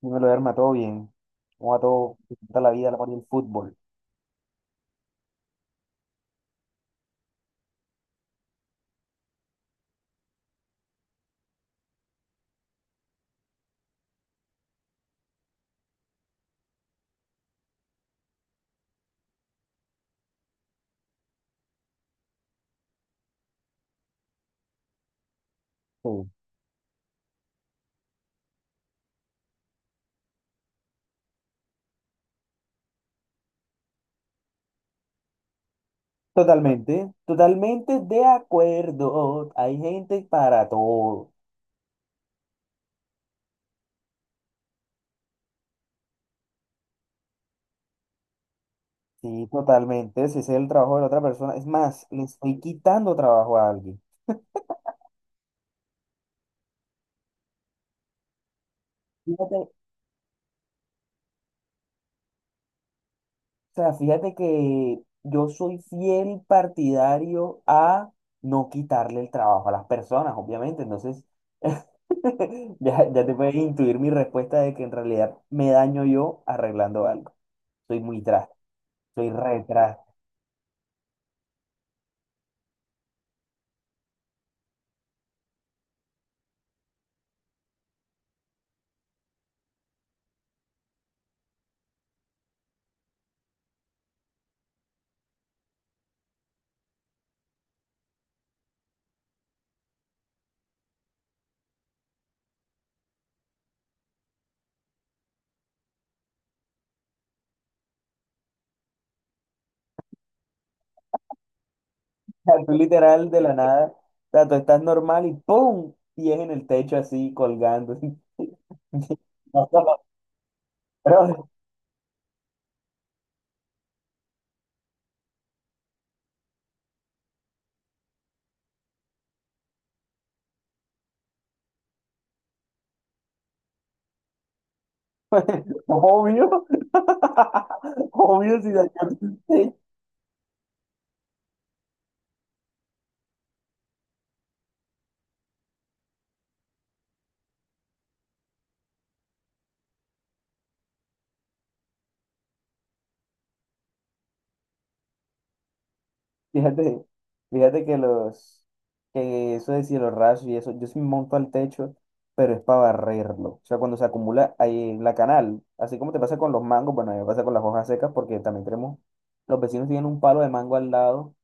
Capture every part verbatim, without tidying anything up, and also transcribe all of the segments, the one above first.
Dímelo, Derma, todo bien. ¿Cómo va todo? ¿Qué tal la vida, la amor y el fútbol? Sí, totalmente, totalmente de acuerdo. Hay gente para todo. Sí, totalmente. Si ese es el trabajo de la otra persona. Es más, le estoy quitando trabajo a alguien. Fíjate, o sea, fíjate que yo soy fiel partidario a no quitarle el trabajo a las personas, obviamente. Entonces, ya, ya te puedes intuir mi respuesta de que en realidad me daño yo arreglando algo. Soy muy drástico. Soy retras. Tú literal de la nada, o sea, tú estás normal y ¡pum! Y es en el techo así colgando. No, no, pero, obvio, obvio si dañaste el techo. Fíjate, fíjate que los, que eso de cielo raso y eso, yo sí me monto al techo, pero es para barrerlo. O sea, cuando se acumula ahí en la canal, así como te pasa con los mangos, bueno, a mí me pasa con las hojas secas porque también tenemos, los vecinos tienen un palo de mango al lado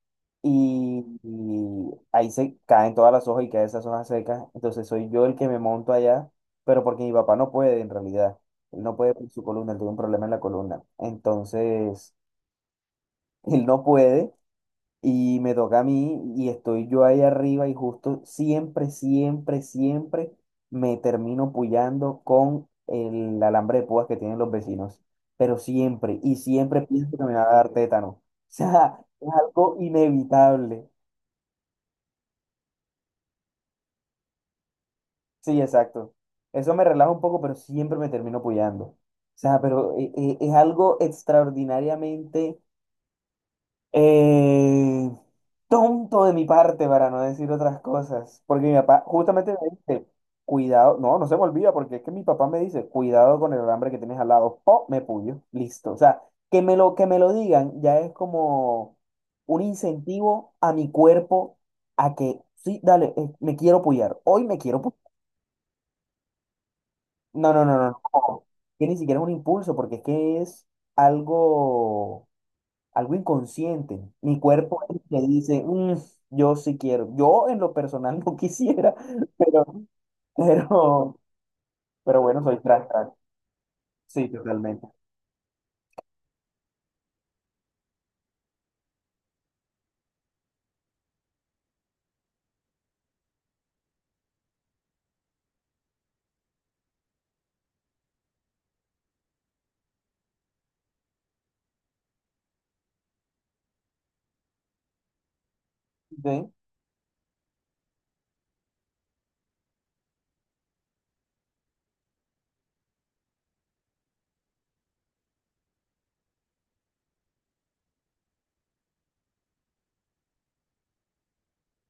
y, y ahí se caen todas las hojas y caen esas hojas secas. Entonces soy yo el que me monto allá, pero porque mi papá no puede en realidad. Él no puede con su columna, él tuvo un problema en la columna. Entonces, él no puede. Y me toca a mí y estoy yo ahí arriba y justo siempre, siempre, siempre me termino puyando con el alambre de púas que tienen los vecinos. Pero siempre, y siempre pienso que me va a dar tétano. O sea, es algo inevitable. Sí, exacto. Eso me relaja un poco, pero siempre me termino puyando. O sea, pero eh, eh, es algo extraordinariamente Eh, tonto de mi parte para no decir otras cosas, porque mi papá justamente me dice, cuidado, no, no se me olvida, porque es que mi papá me dice, cuidado con el alambre que tienes al lado, o me puyo, listo. O sea, que me lo, que me lo digan ya es como un incentivo a mi cuerpo a que, sí, dale, eh, me quiero puyar, hoy me quiero puyar. No, no, no, no, no, que ni siquiera es un impulso, porque es que es algo algo inconsciente. Mi cuerpo es el que dice, "Mm, yo sí quiero. Yo en lo personal no quisiera, pero, pero, pero bueno, soy tras tras. Sí, totalmente. ¿Sí? O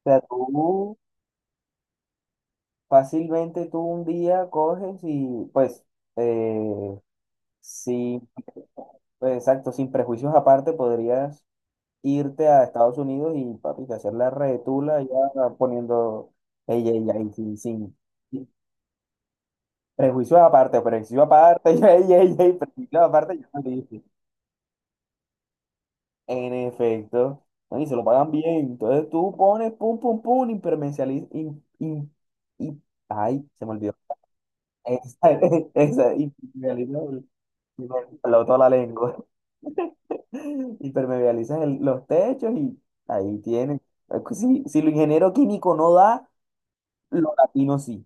sea, tú fácilmente tú un día coges y pues, eh, sí, pues, exacto, sin prejuicios aparte podrías irte a Estados Unidos y papi, hacer la retula ya poniendo ella, ella, y sin, sin, prejuicio aparte, prejuicio aparte, ey, ey, ey, prejuicio aparte, yo no dije. En efecto, ¿no? Y se lo pagan bien. Entonces tú pones pum, pum, pum, impermeabiliz- im- im- im- ay, se me olvidó. Esa, esa, impermeabilizas el- me peló toda la lengua. Impermeabilizas el- los techos y ahí tienen. Es que si, si lo ingeniero químico no da, lo latino sí.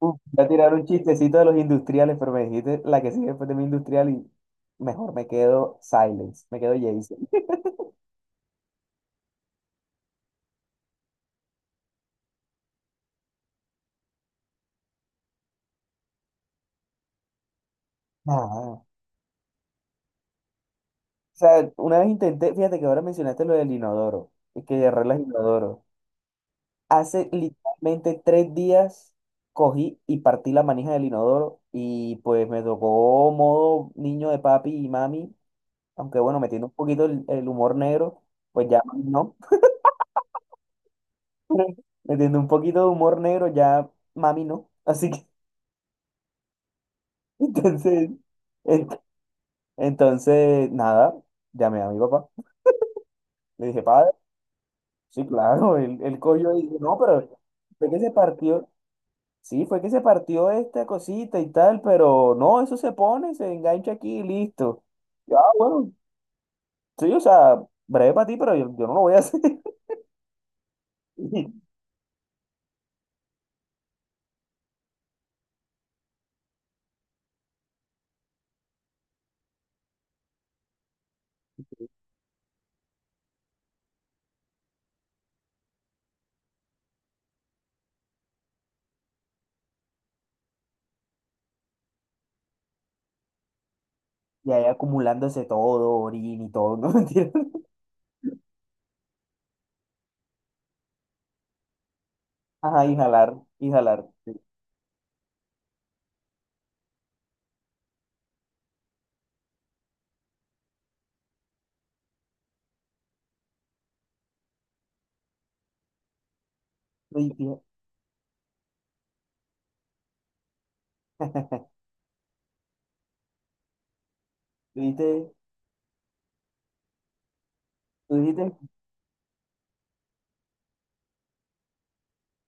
Uf, voy a tirar un chistecito de los industriales, pero me dijiste la que sigue después de mi industrial y mejor me quedo Silence, me quedo Jason. Ah. O sea, una vez intenté, fíjate que ahora mencionaste lo del inodoro, y que arreglas inodoro. Hace literalmente tres días cogí y partí la manija del inodoro y pues me tocó modo niño de papi y mami, aunque bueno, metiendo un poquito el, el humor negro, pues ya mami no, metiendo un poquito de humor negro, ya mami no. Así que... Entonces, en- entonces, nada, llamé a mi papá. Le dije, padre, sí, claro, el, el collo ahí. No, pero fue que se partió, sí, fue que se partió esta cosita y tal, pero no, eso se pone, se engancha aquí y listo. Ya, bueno, sí, o sea, breve para ti, pero yo, yo no lo voy a hacer. Y, y ahí acumulándose todo, orín y todo, ¿no? Mentira. Ajá, inhalar, inhalar. Sí. Tú dijiste, tú dijiste tú dijiste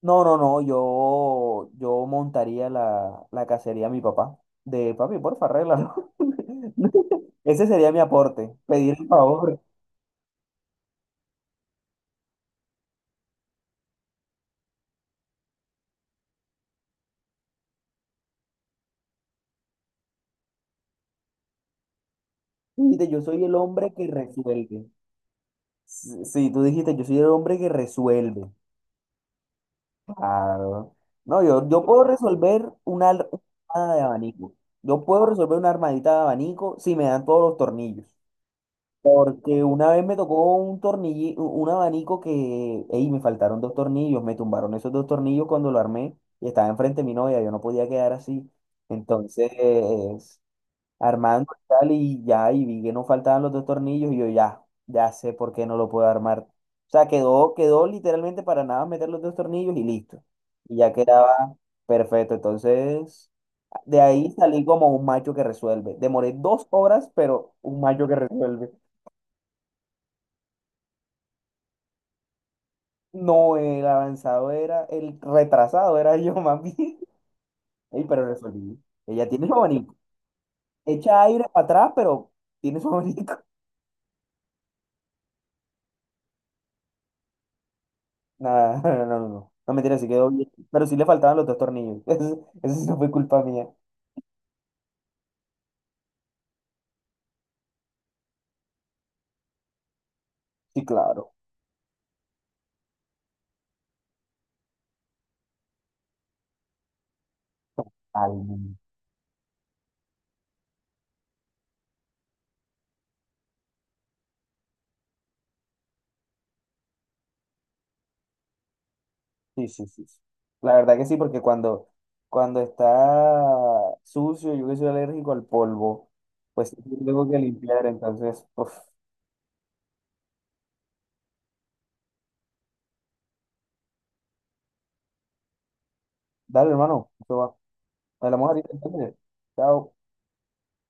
no, no, no, yo, yo montaría la, la cacería a mi papá. De papi, porfa, arréglalo. Ese sería mi aporte, pedir el favor. Dijiste, yo soy el hombre que resuelve. Sí, sí, tú dijiste, yo soy el hombre que resuelve. Claro. No, yo, yo puedo resolver una ar- una armada de abanico. Yo puedo resolver una armadita de abanico si me dan todos los tornillos. Porque una vez me tocó un tornillo, un abanico que, ey, me faltaron dos tornillos, me tumbaron esos dos tornillos cuando lo armé y estaba enfrente de mi novia, yo no podía quedar así. Entonces, armando y tal, y ya, y vi que no faltaban los dos tornillos y yo ya, ya sé por qué no lo puedo armar. O sea, quedó, quedó literalmente para nada meter los dos tornillos y listo. Y ya quedaba perfecto. Entonces, de ahí salí como un macho que resuelve. Demoré dos horas, pero un macho que resuelve. No, el avanzado era, el retrasado era yo, mami. Ey, pero resolví. Ella tiene su abanico. Echa aire para atrás, pero tiene su abanico. Nada, no, no, no. No, mentira, sí quedó bien. Pero sí le faltaban los dos tornillos. Eso, eso sí no fue culpa mía. Sí, claro. Ay, no. Sí, sí, sí. Sí. La verdad que sí, porque cuando, cuando está sucio, yo que soy alérgico al polvo, pues sí tengo que limpiar. Entonces, uf. Dale, hermano. Eso va. Hablamos ahorita, entonces. Chao.